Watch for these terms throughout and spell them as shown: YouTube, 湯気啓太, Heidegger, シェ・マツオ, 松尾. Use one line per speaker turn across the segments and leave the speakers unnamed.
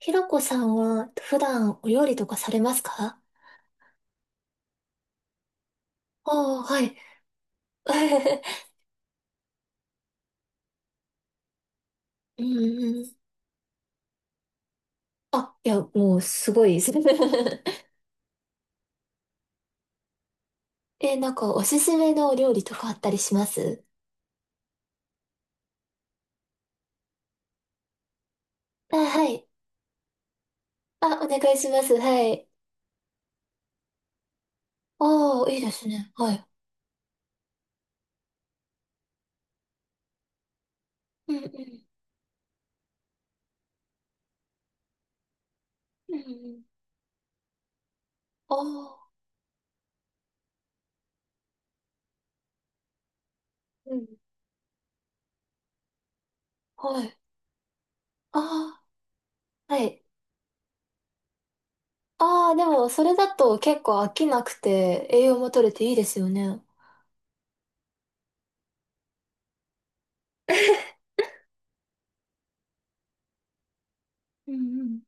ひろこさんは普段お料理とかされますか？あー、はい。うんうん。あ、いや、もうすごいです。え、なんかおすすめのお料理とかあったりします？あ、はい。あ、お願いします。はい。ああ、いいですね。はい。うんうん。うんうん。ああ、うん。はい。ああ、はい。ああ、でもそれだと結構飽きなくて栄養も取れていいですよね。うんうん。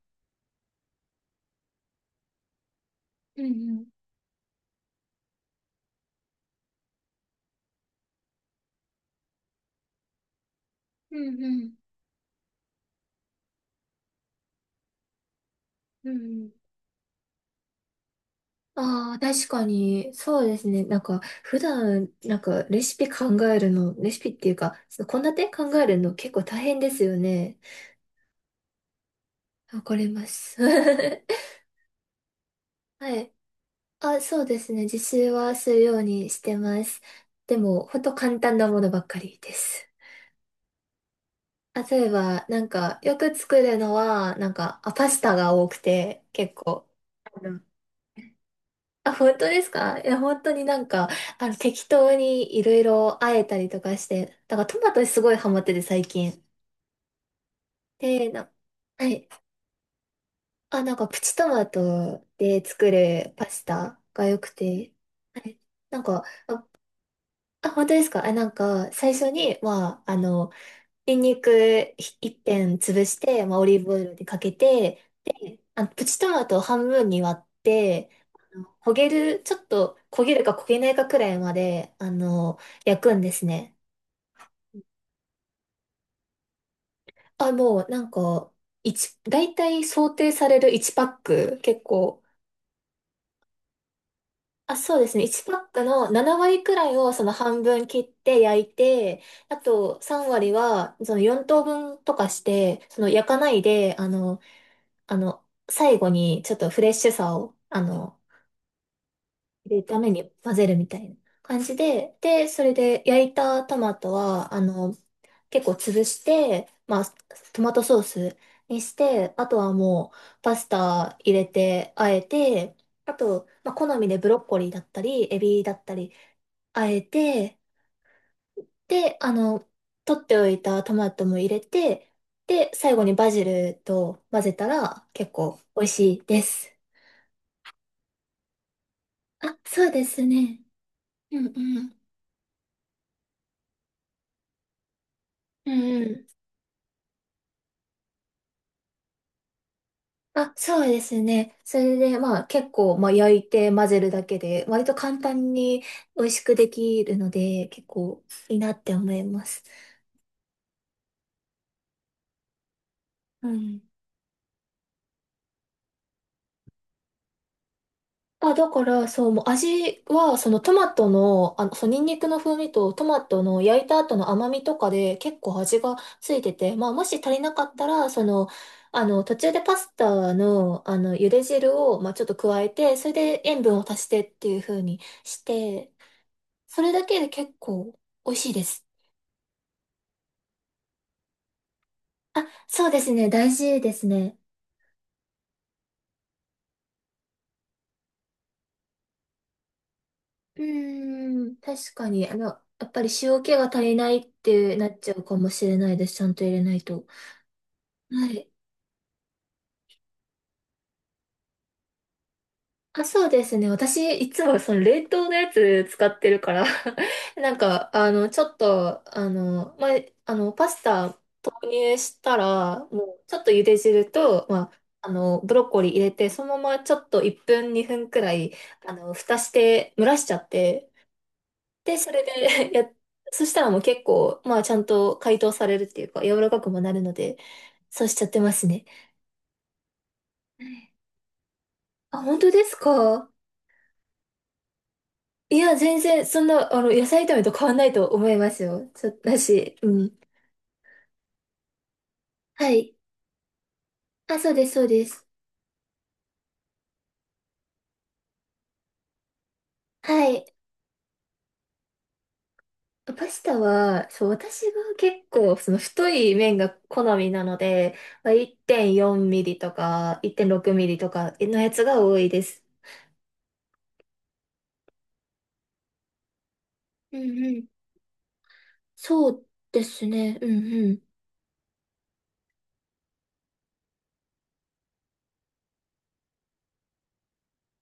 うんうん。うんうん。うんうん。ああ、確かに、そうですね。なんか、普段、なんか、レシピ考えるの、レシピっていうか、その献立考えるの結構大変ですよね。わかります。はい。あ、そうですね。自炊はするようにしてます。でも、ほんと簡単なものばっかりです。例えば、なんか、よく作るのは、なんか、あ、パスタが多くて、結構。あ、本当ですか？いや、本当になんか、適当にいろいろあえたりとかして、だからトマトすごいハマってて最近。で、な、はい。あ、なんかプチトマトで作るパスタが良くて、はい。なんか、あ、本当ですか？あ、なんか、最初に、まあ、ニンニク一片潰して、まあ、オリーブオイルでかけて、で、プチトマトを半分に割って、焦げる、ちょっと焦げるか焦げないかくらいまで、焼くんですね。あ、もうなんか、大体想定される1パック、結構、あ、そうですね。1パックの7割くらいをその半分切って焼いて、あと3割はその4等分とかして、その焼かないで、あの、最後にちょっとフレッシュさを、入れるために混ぜるみたいな感じで、で、それで焼いたトマトは、結構潰して、まあ、トマトソースにして、あとはもうパスタ入れて、あえて、あと、まあ、好みでブロッコリーだったり、エビだったり、あえて、で、取っておいたトマトも入れて、で、最後にバジルと混ぜたら結構美味しいです。あ、そうですね。うんうん。うんうん。あ、そうですね。それで、まあ結構、まあ焼いて混ぜるだけで、割と簡単に美味しくできるので、結構いいなって思います。うん。あ、だから、そう、もう味は、そのトマトの、そう、ニンニクの風味とトマトの焼いた後の甘みとかで結構味がついてて、まあもし足りなかったら、その、途中でパスタの、茹で汁を、まあちょっと加えて、それで塩分を足してっていう風にして、それだけで結構美味しいです。あ、そうですね。大事ですね。うーん、確かに、やっぱり塩気が足りないってなっちゃうかもしれないです。ちゃんと入れないと。はい。あ、そうですね。私、いつもその冷凍のやつ使ってるから なんか、あの、ちょっと、あの、まあ、あの、パスタ投入したら、もう、ちょっと茹で汁と、まあ、ブロッコリー入れて、そのままちょっと1分、2分くらい、蓋して、蒸らしちゃって、で、それで そしたらもう結構、まあ、ちゃんと解凍されるっていうか、柔らかくもなるので、そうしちゃってますね。はい。あ、本当ですか？いや、全然、そんな、野菜炒めと変わんないと思いますよ。だし、うん。はい。あ、そうです、そうです。はい。パスタは、そう、私が結構、その太い麺が好みなので、まあ、1.4ミリとか、1.6ミリとかのやつが多いです。うんうん。そうですね。うんうん。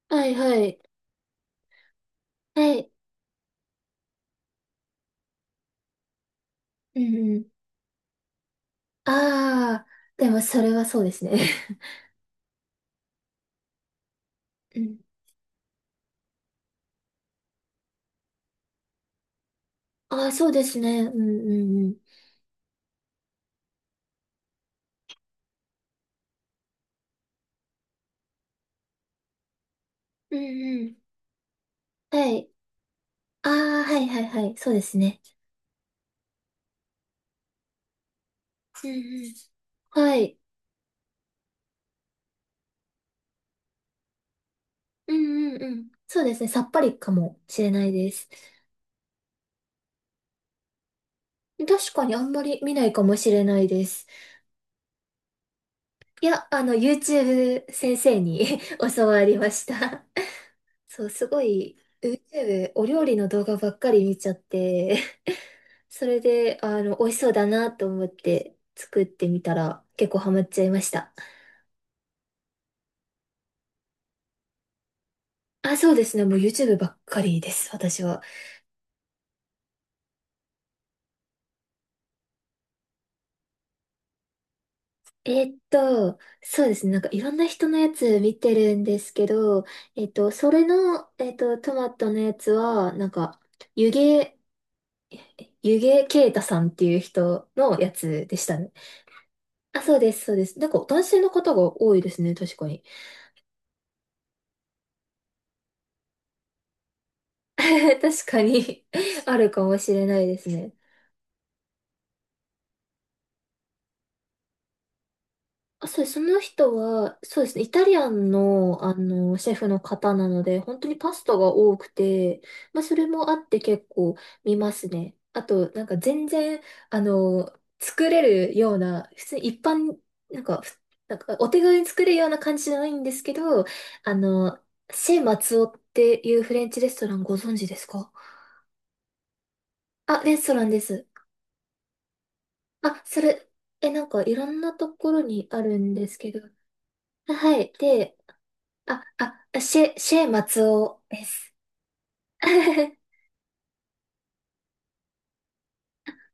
はいはい。はい。うんうん。ああ、でもそれはそうですね。うん。ああ、そうですね。うんうんうん。うんうん。はい。ああ、はいはいはい。そうですね。うんうん。はい。うんうんうん。そうですね。さっぱりかもしれないです。確かにあんまり見ないかもしれないです。いや、YouTube 先生に 教わりました。そう、すごい、YouTube お料理の動画ばっかり見ちゃって、それで、美味しそうだなと思って作ってみたら結構ハマっちゃいました。あ、そうですね。もう YouTube ばっかりです、私は。そうですね。なんかいろんな人のやつ見てるんですけど、えーっと、それの、えーっと、トマトのやつは、なんか、湯気、湯気啓太さんっていう人のやつでしたね。あ、そうです、そうです。なんか男性の方が多いですね、確かに。確かに あるかもしれないですね。あ、そうです。その人は、そうですね、イタリアンの、シェフの方なので、本当にパスタが多くて、まあ、それもあって結構見ますね。あと、なんか全然、あの、作れるような、普通に一般、なんか、ふなんかお手軽に作れるような感じじゃないんですけど、あの、シェ・マツオっていうフレンチレストランご存知ですか？あ、レストランです。あ、それ、え、なんかいろんなところにあるんですけど、はい。で、あ、あ、シェ、シェ松尾です。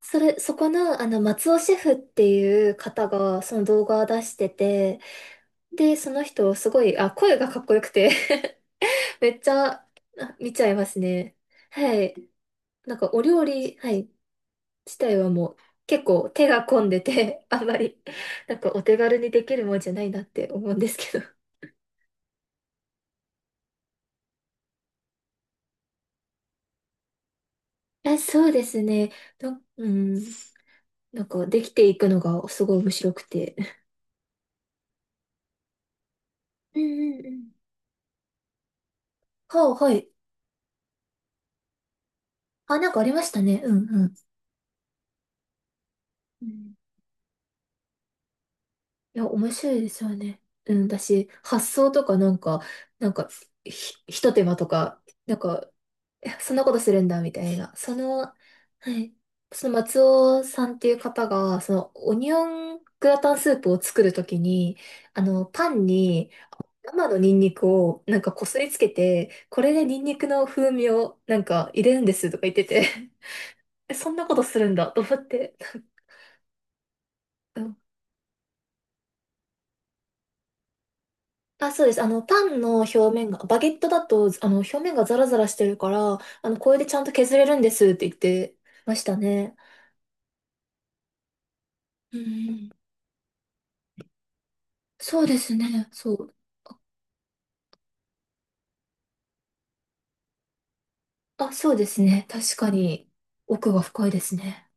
それ、そこの、松尾シェフっていう方が、その動画を出してて、で、その人、すごい、あ、声がかっこよくて めっちゃ、見ちゃいますね。はい。なんか、お料理、はい、自体はもう、結構手が込んでて あんまり、なんか、お手軽にできるもんじゃないなって思うんですけど。え、そうですね。うん。なんか、できていくのが、すごい面白くて。うんうんうん。はい、はい。あ、なんかありましたね。うんうん。うん。いや、面白いですよね。うん、私、発想とかなんか、なんか、ひ、ひと手間とか、なんか、えそんなことするんだ、みたいな。その、はい。その松尾さんっていう方が、その、オニオングラタンスープを作るときに、パンに生のニンニクをなんかこすりつけて、これでニンニクの風味をなんか入れるんですとか言ってて、えそんなことするんだと思って。うん。あ、そうです。パンの表面が、バゲットだと、表面がザラザラしてるから、これでちゃんと削れるんですって言ってましたね。うん、そうですね。そう。あ、そうですね。確かに、奥が深いですね。